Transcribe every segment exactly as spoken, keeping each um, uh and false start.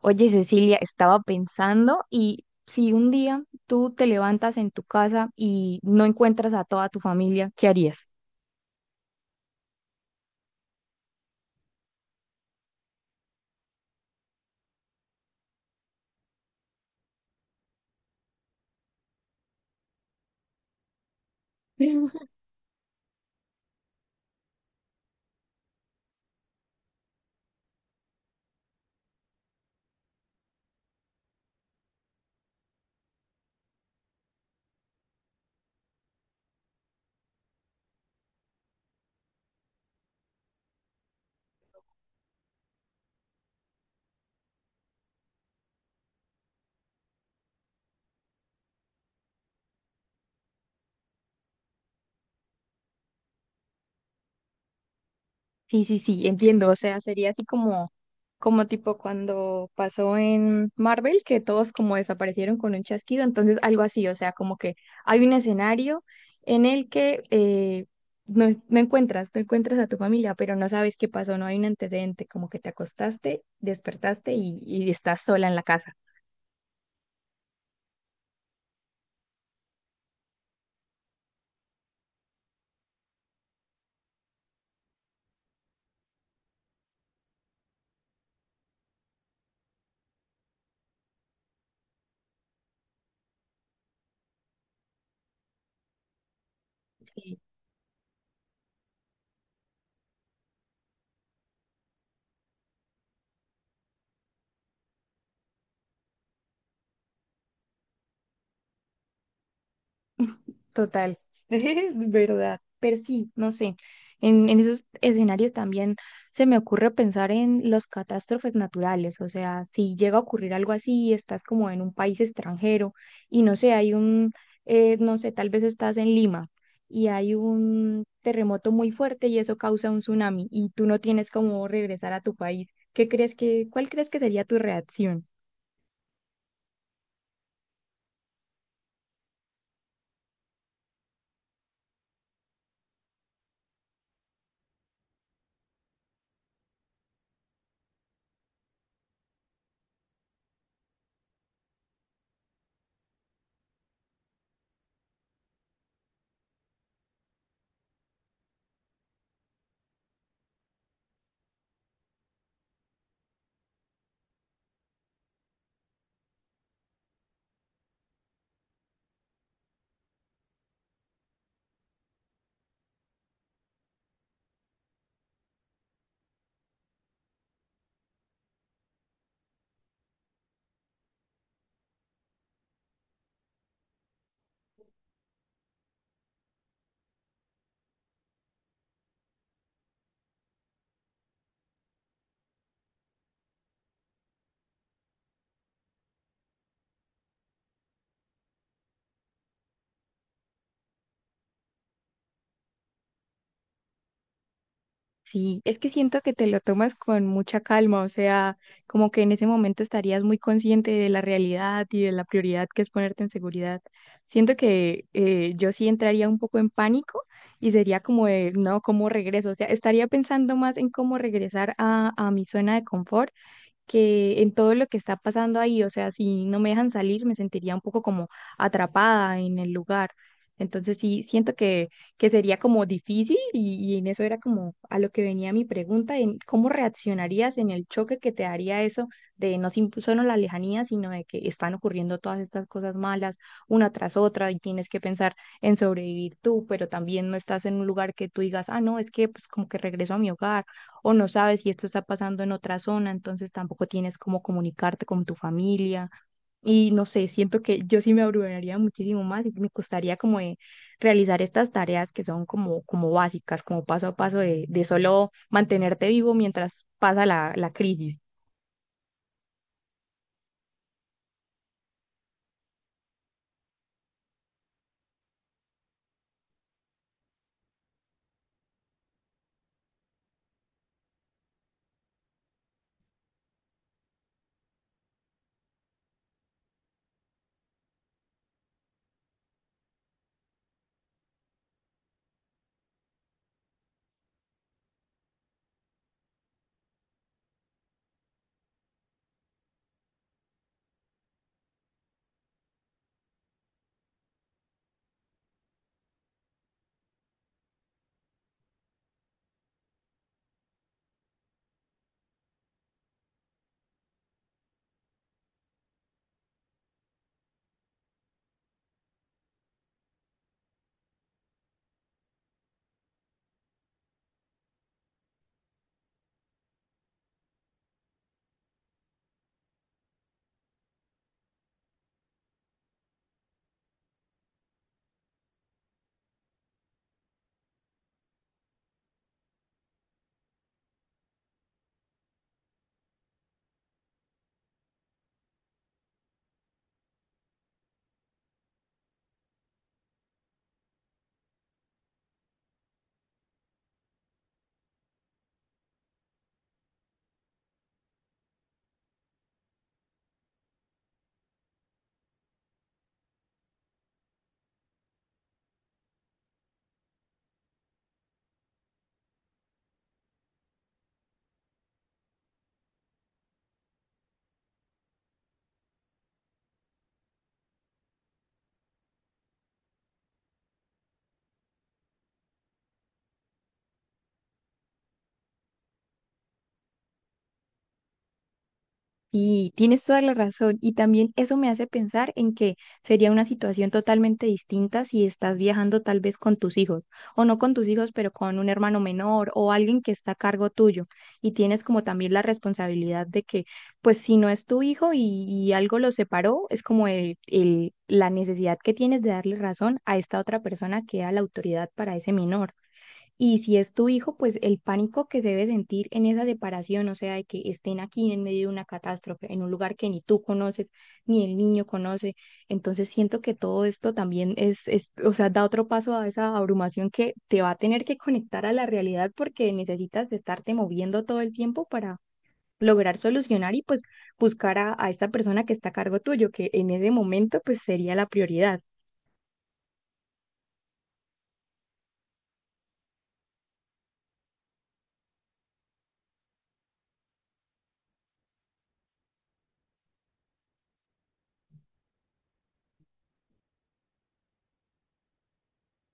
Oye, Cecilia, estaba pensando, y si un día tú te levantas en tu casa y no encuentras a toda tu familia, ¿qué harías? Sí, sí, sí, entiendo. O sea, sería así como, como tipo cuando pasó en Marvel, que todos como desaparecieron con un chasquido. Entonces, algo así, o sea, como que hay un escenario en el que eh, no, es- no encuentras, no encuentras a tu familia, pero no sabes qué pasó, no hay un antecedente, como que te acostaste, despertaste y, y estás sola en la casa. Sí. Total, verdad. Pero sí, no sé. En, en esos escenarios también se me ocurre pensar en las catástrofes naturales. O sea, si llega a ocurrir algo así, estás como en un país extranjero y no sé, hay un, eh, no sé, tal vez estás en Lima y hay un terremoto muy fuerte y eso causa un tsunami y tú no tienes cómo regresar a tu país. ¿Qué crees que, cuál crees que sería tu reacción? Sí, es que siento que te lo tomas con mucha calma, o sea, como que en ese momento estarías muy consciente de la realidad y de la prioridad que es ponerte en seguridad. Siento que eh, yo sí entraría un poco en pánico y sería como de, no, ¿cómo regreso? O sea, estaría pensando más en cómo regresar a, a mi zona de confort que en todo lo que está pasando ahí. O sea, si no me dejan salir, me sentiría un poco como atrapada en el lugar. Entonces sí, siento que, que sería como difícil, y, y en eso era como a lo que venía mi pregunta, en cómo reaccionarías en el choque que te daría eso de no sim- solo la lejanía, sino de que están ocurriendo todas estas cosas malas una tras otra y tienes que pensar en sobrevivir tú, pero también no estás en un lugar que tú digas, ah, no, es que pues como que regreso a mi hogar o no sabes si esto está pasando en otra zona, entonces tampoco tienes cómo comunicarte con tu familia. Y no sé, siento que yo sí me abrumaría muchísimo más y me costaría como de realizar estas tareas que son como, como básicas, como paso a paso de, de solo mantenerte vivo mientras pasa la, la crisis. Y tienes toda la razón. Y también eso me hace pensar en que sería una situación totalmente distinta si estás viajando tal vez con tus hijos, o no con tus hijos, pero con un hermano menor o alguien que está a cargo tuyo. Y tienes como también la responsabilidad de que, pues si no es tu hijo y, y algo lo separó, es como el, el- la necesidad que tienes de darle razón a esta otra persona que era la autoridad para ese menor. Y si es tu hijo, pues el pánico que se debe sentir en esa separación, o sea, de que estén aquí en medio de una catástrofe, en un lugar que ni tú conoces, ni el niño conoce. Entonces siento que todo esto también es, es, o sea, da otro paso a esa abrumación que te va a tener que conectar a la realidad porque necesitas estarte moviendo todo el tiempo para lograr solucionar y pues buscar a, a esta persona que está a cargo tuyo, que en ese momento pues sería la prioridad.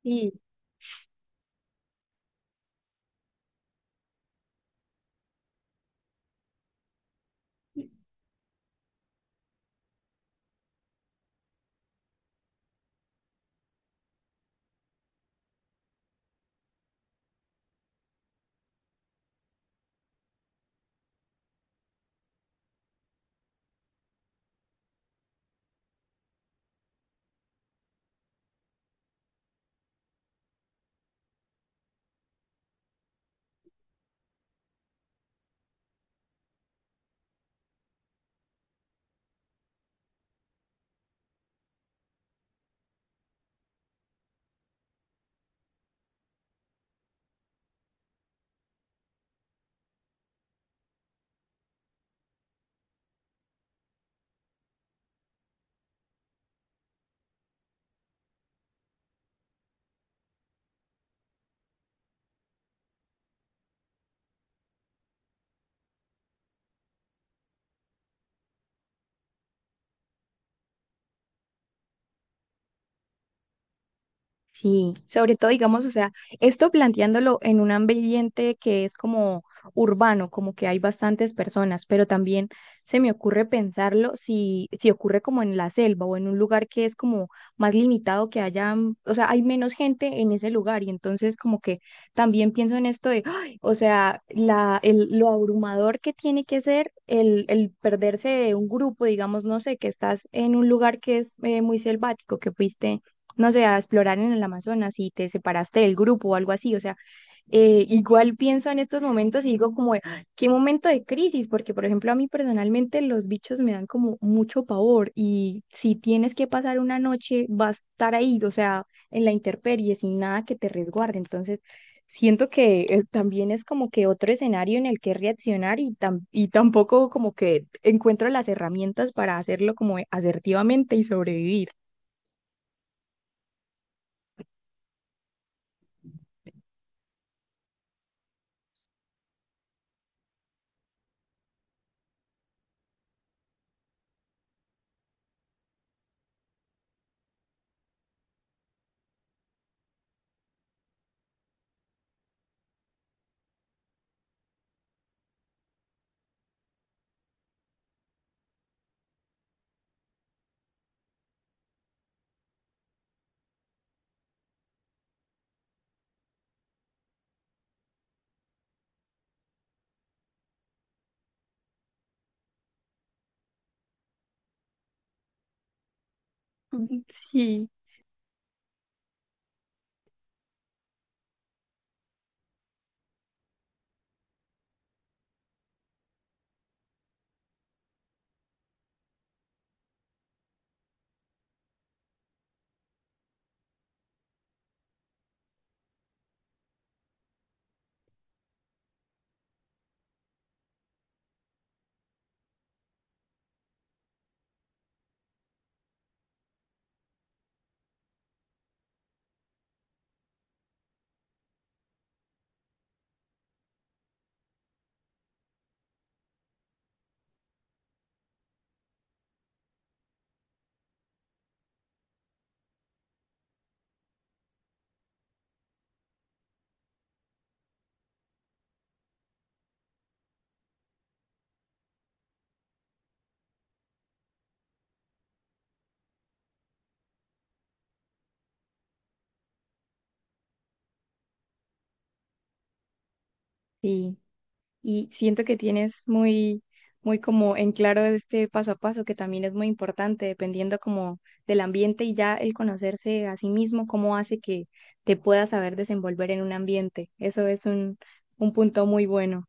Sí. Sí, sobre todo, digamos, o sea, esto planteándolo en un ambiente que es como urbano, como que hay bastantes personas, pero también se me ocurre pensarlo si, si ocurre como en la selva o en un lugar que es como más limitado, que haya, mm, o sea, hay menos gente en ese lugar y entonces como que también pienso en esto de, ¡ay! O sea, la, el, lo abrumador que tiene que ser el, el perderse de un grupo, digamos, no sé, que estás en un lugar que es eh, muy selvático, que fuiste no sé, a explorar en el Amazonas y te separaste del grupo o algo así. O sea, eh, igual pienso en estos momentos y digo como, "Ah, qué momento de crisis, porque por ejemplo a mí personalmente los bichos me dan como mucho pavor y si tienes que pasar una noche vas a estar ahí, o sea, en la intemperie sin nada que te resguarde". Entonces... Siento que eh, también es como que otro escenario en el que reaccionar, y, tam- y tampoco como que encuentro las herramientas para hacerlo como asertivamente y sobrevivir. Sí. Sí, y siento que tienes muy, muy como en claro este paso a paso, que también es muy importante, dependiendo como del ambiente y ya el conocerse a sí mismo, cómo hace que te puedas saber desenvolver en un ambiente. Eso es un, un punto muy bueno.